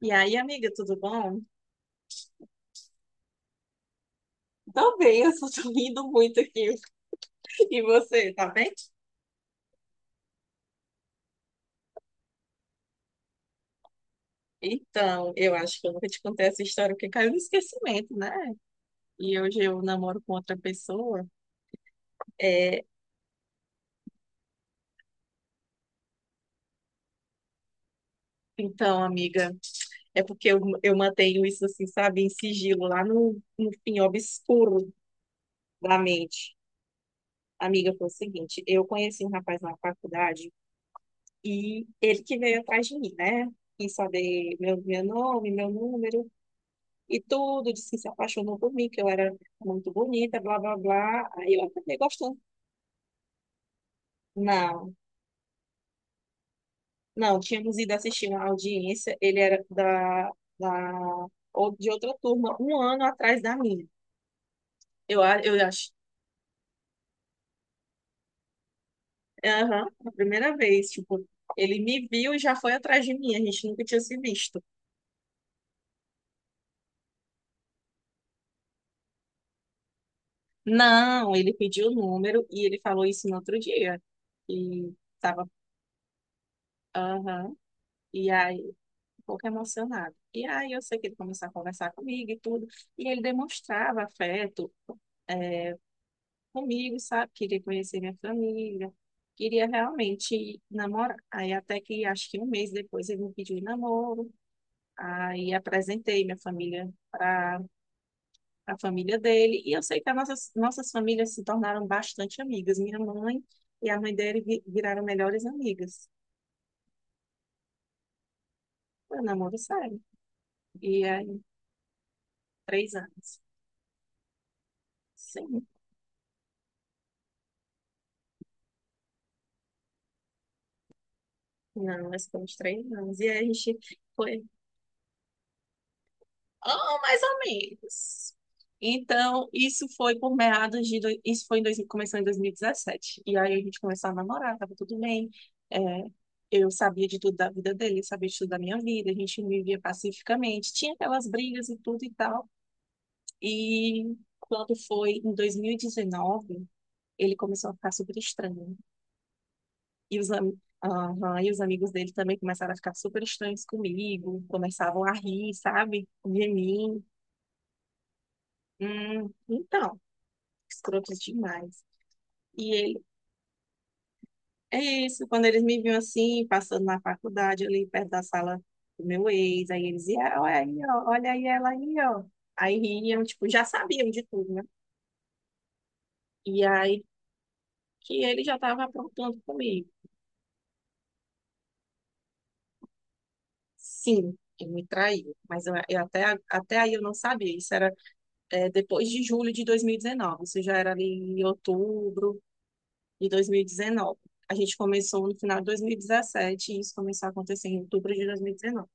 E aí, amiga, tudo bom? Tô bem, eu só tô rindo muito aqui. E você, tá bem? Então, eu acho que eu nunca te contei essa história porque caiu no esquecimento, né? E hoje eu namoro com outra pessoa. É, então, amiga, é porque eu mantenho isso assim, sabe, em sigilo, lá no fim obscuro da mente. Amiga, foi o seguinte, eu conheci um rapaz na faculdade e ele que veio atrás de mim, né? Quis saber meu nome, meu número. E tudo, disse que se apaixonou por mim, que eu era muito bonita, blá, blá, blá. Aí eu acabei gostando. Não, não, tínhamos ido assistir uma audiência, ele era da, ou- de outra turma, um ano atrás da minha. Eu acho, aham, a primeira vez, tipo, ele me viu e já foi atrás de mim, a gente nunca tinha se visto. Não, ele pediu o número e ele falou isso no outro dia. E tava, aham. E aí um pouco emocionado. E aí eu sei que ele começou a conversar comigo e tudo, e ele demonstrava afeto eh, comigo, sabe? Queria conhecer minha família, queria realmente namorar. Aí até que acho que um mês depois ele me pediu em namoro, aí apresentei minha família para a família dele, e eu sei que as nossas famílias se tornaram bastante amigas. Minha mãe e a mãe dele viraram melhores amigas. Foi um namoro sério, e aí três anos. Sim. Não, mas com uns três anos. E aí a gente foi, oh, mais ou menos. Então, isso foi em dois, começou em 2017. E aí a gente começou a namorar, tava tudo bem. É, eu sabia de tudo da vida dele, ele sabia de tudo da minha vida. A gente vivia pacificamente. Tinha aquelas brigas e tudo e tal. E quando foi em 2019, ele começou a ficar super estranho. E os, am- Aham, e os amigos dele também começaram a ficar super estranhos comigo, começavam a rir, sabe? De mim. Então, escrotos demais. E ele, é isso, quando eles me viam assim, passando na faculdade, ali perto da sala do meu ex, aí eles iam, olha aí, ó, olha aí ela aí, ó. Aí riam, tipo, já sabiam de tudo, né? E aí que ele já estava aprontando comigo. Sim, ele me traiu, mas eu até, até aí eu não sabia, isso era é, depois de julho de 2019. Isso já era ali em outubro de 2019. A gente começou no final de 2017 e isso começou a acontecer em outubro de 2019.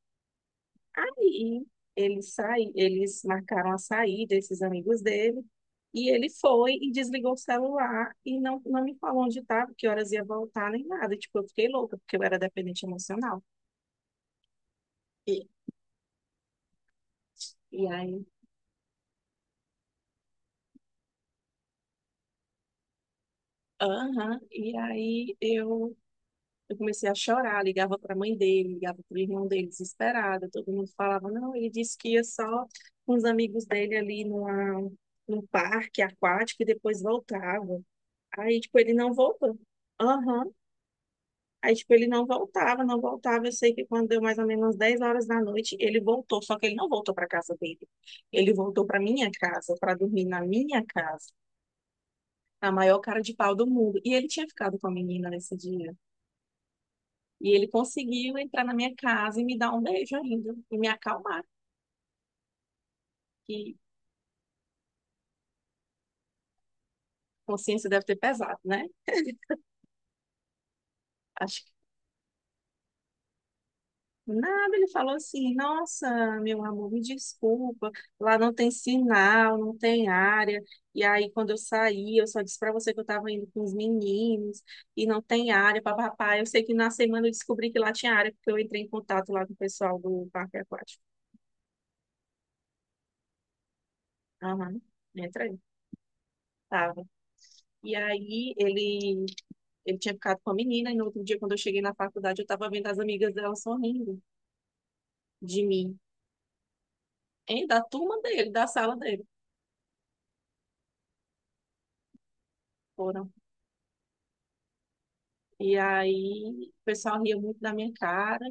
Aí ele sai, eles marcaram a saída, esses amigos dele, e ele foi e desligou o celular e não me falou onde estava, que horas ia voltar, nem nada. Tipo, eu fiquei louca, porque eu era dependente emocional. E, e aí, aham, e aí eu comecei a chorar, ligava para a mãe dele, ligava para o irmão dele, desesperada. Todo mundo falava, não, ele disse que ia só com os amigos dele num parque aquático e depois voltava. Aí, tipo, ele não voltou. Aham. Aí, tipo, ele não voltava, não voltava. Eu sei que quando deu mais ou menos 10 horas da noite, ele voltou, só que ele não voltou para casa dele. Ele voltou para minha casa, para dormir na minha casa, a maior cara de pau do mundo. E ele tinha ficado com a menina nesse dia. E ele conseguiu entrar na minha casa e me dar um beijo ainda, e me acalmar, que consciência deve ter pesado, né? Acho que nada, ele falou assim: Nossa, meu amor, me desculpa, lá não tem sinal, não tem área. E aí, quando eu saí, eu só disse para você que eu estava indo com os meninos e não tem área, papapá. Eu sei que na semana eu descobri que lá tinha área, porque eu entrei em contato lá com o pessoal do parque aquático. Aham, entra aí. Tava. E aí ele Ele tinha ficado com a menina, e no outro dia, quando eu cheguei na faculdade, eu estava vendo as amigas dela sorrindo de mim, hein, da turma dele, da sala dele. Foram. E aí, o pessoal ria muito da minha cara.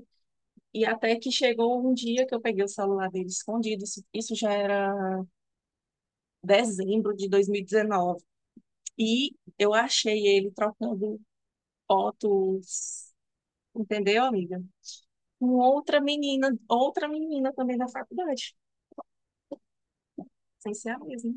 E até que chegou um dia que eu peguei o celular dele escondido. Isso já era dezembro de 2019. E dezenove. E eu achei ele trocando fotos, entendeu, amiga? Com outra menina também da faculdade, sem ser a mesma.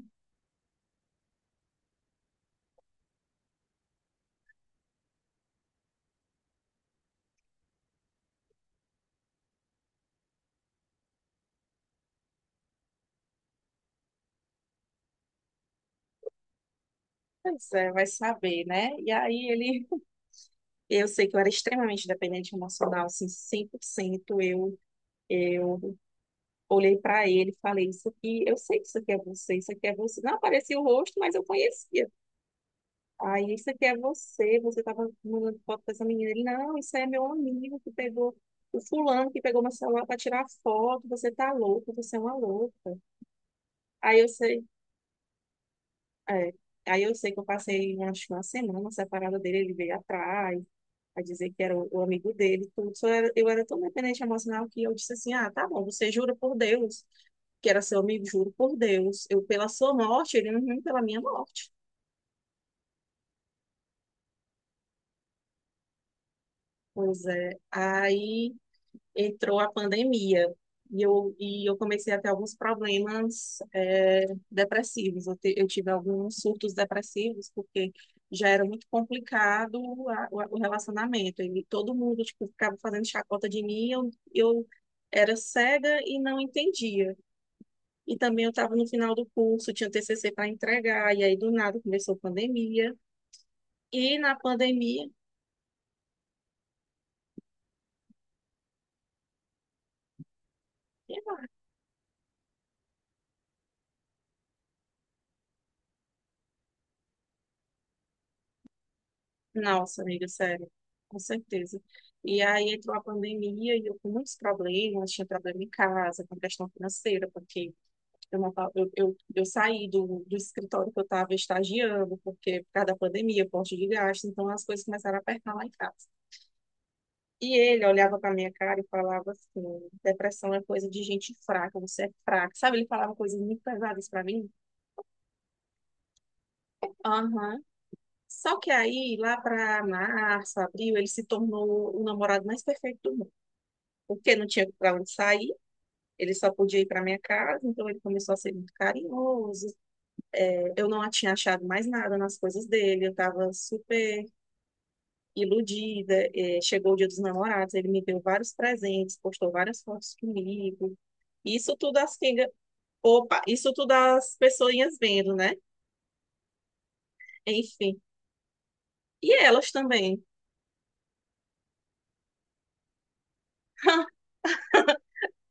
Pois é, vai saber, né? Eu sei que eu era extremamente dependente emocional, assim, 100%. Eu olhei para ele e falei, isso aqui, eu sei que isso aqui é você, isso aqui é você. Não aparecia o rosto, mas eu conhecia. Aí, isso aqui é você, você tava mandando foto pra essa menina. Ele, não, isso aí é meu amigo que pegou, o fulano que pegou meu celular para tirar foto, você tá louco, você é uma louca. Aí eu sei, é. Aí eu sei que eu passei acho, que uma semana separada dele, ele veio atrás, a dizer que era o amigo dele, e tudo. Eu era tão dependente emocional que eu disse assim, ah, tá bom, você jura por Deus que era seu amigo, juro por Deus. Eu pela sua morte, ele não pela minha morte. Pois é. Aí entrou a pandemia e eu comecei a ter alguns problemas é, depressivos. Eu tive alguns surtos depressivos porque já era muito complicado o relacionamento. E todo mundo tipo, ficava fazendo chacota de mim, eu era cega e não entendia. E também eu estava no final do curso, tinha TCC para entregar, e aí do nada começou a pandemia. E na pandemia, nossa, amiga, sério, com certeza. E aí entrou a pandemia e eu com muitos problemas, tinha problema em casa, com questão financeira, porque eu, não tava- eu saí do escritório que eu estava estagiando, porque por causa da pandemia, corte de gastos, então as coisas começaram a apertar lá em casa. E ele olhava para minha cara e falava assim: depressão é coisa de gente fraca, você é fraca. Sabe, ele falava coisas muito pesadas para mim. Aham. Só que aí, lá para março, abril, ele se tornou o namorado mais perfeito do porque não tinha para onde sair, ele só podia ir para minha casa, então ele começou a ser muito carinhoso. É, eu não tinha achado mais nada nas coisas dele, eu estava super iludida. É, chegou o Dia dos Namorados, ele me deu vários presentes, postou várias fotos comigo. Isso tudo as pingas, isso tudo as pessoinhas vendo, né? Enfim. E elas também.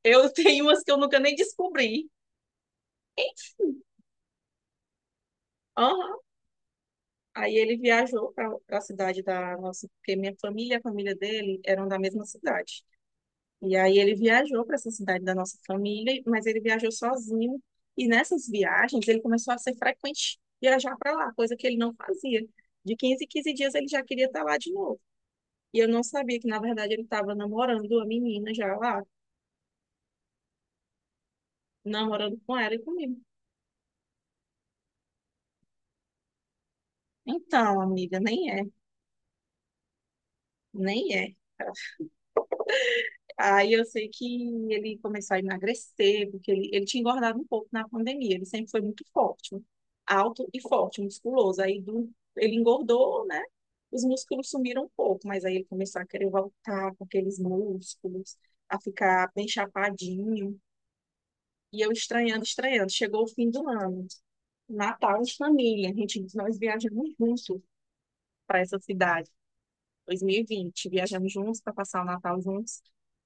Eu tenho umas que eu nunca nem descobri. Enfim. Aham. Aí ele viajou para a cidade da nossa, porque minha família e a família dele eram da mesma cidade. E aí ele viajou para essa cidade da nossa família, mas ele viajou sozinho. E nessas viagens ele começou a ser frequente viajar para lá, coisa que ele não fazia. De 15 em 15 dias ele já queria estar lá de novo. E eu não sabia que, na verdade, ele estava namorando a menina já lá, namorando com ela e comigo. Então, amiga, nem é. Aí eu sei que ele começou a emagrecer, porque ele tinha engordado um pouco na pandemia. Ele sempre foi muito forte, alto e forte, musculoso. Ele engordou, né? Os músculos sumiram um pouco, mas aí ele começou a querer voltar com aqueles músculos, a ficar bem chapadinho. E eu estranhando, estranhando. Chegou o fim do ano, Natal de família. Nós viajamos juntos para essa cidade, 2020. Viajamos juntos para passar o Natal juntos.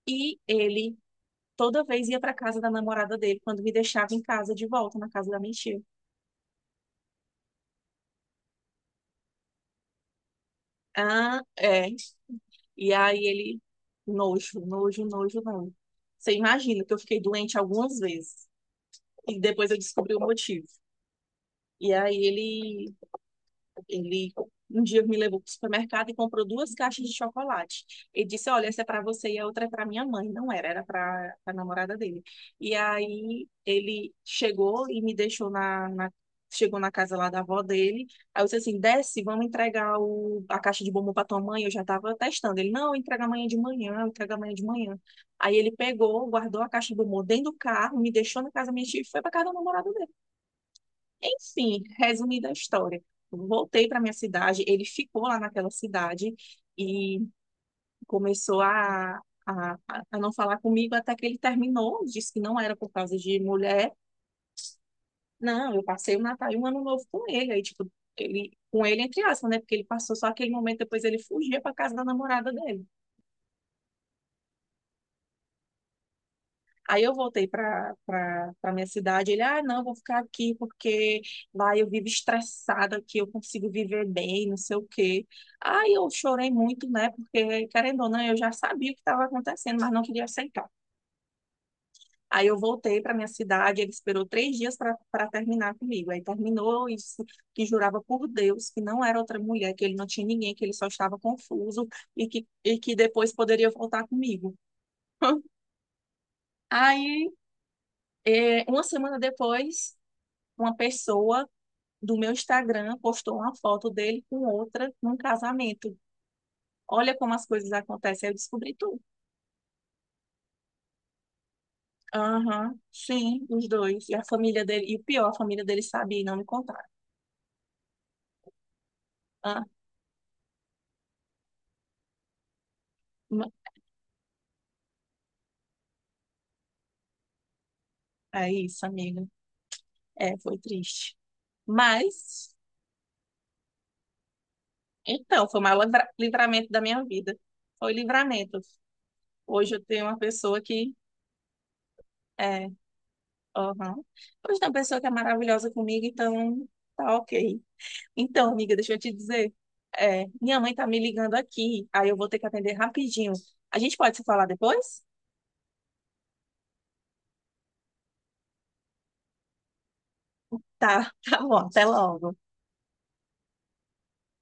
E ele toda vez ia para casa da namorada dele quando me deixava em casa de volta na casa da minha tia. Ah, é. E aí ele nojo, nojo, nojo, não. Você imagina que eu fiquei doente algumas vezes e depois eu descobri o motivo. E aí ele Ele um dia me levou para o supermercado e comprou duas caixas de chocolate. Ele disse: Olha, essa é para você e a outra é para minha mãe. Não era, era para a namorada dele. E aí ele chegou e me deixou chegou na casa lá da avó dele. Aí eu disse assim: desce, vamos entregar a caixa de bombom para tua mãe. Eu já estava testando. Ele: não, entrega amanhã de manhã, entrega amanhã de manhã. Aí ele pegou, guardou a caixa de bombom dentro do carro, me deixou na casa da minha tia e foi para casa da namorada dele. Enfim, resumida a história. Voltei para minha cidade, ele ficou lá naquela cidade e começou a, a não falar comigo até que ele terminou, disse que não era por causa de mulher. Não, eu passei o Natal e o Ano Novo com ele. Aí, tipo, ele, com ele, entre aspas, né? Porque ele passou só aquele momento, depois ele fugia para casa da namorada dele. Aí eu voltei para minha cidade. Ele, ah, não, vou ficar aqui porque lá eu vivo estressada, aqui eu consigo viver bem, não sei o quê. Aí eu chorei muito, né? Porque, querendo ou não, eu já sabia o que estava acontecendo, mas não queria aceitar. Aí eu voltei para minha cidade. Ele esperou três dias para terminar comigo. Aí terminou e disse que jurava por Deus que não era outra mulher, que ele não tinha ninguém, que ele só estava confuso e que depois poderia voltar comigo. Aí, uma semana depois, uma pessoa do meu Instagram postou uma foto dele com outra num casamento. Olha como as coisas acontecem. Aí eu descobri tudo. Aham, sim, os dois. E a família dele, e o pior, a família dele sabia e não me contaram. Ah, ma- é isso, amiga. É, foi triste. Mas, então, foi o maior livramento da minha vida. Foi livramento. Hoje eu tenho uma pessoa que é, aham. Hoje tem uma pessoa que é maravilhosa comigo, então tá ok. Então, amiga, deixa eu te dizer. É, minha mãe tá me ligando aqui, aí eu vou ter que atender rapidinho. A gente pode se falar depois? Tá, tá bom, até logo.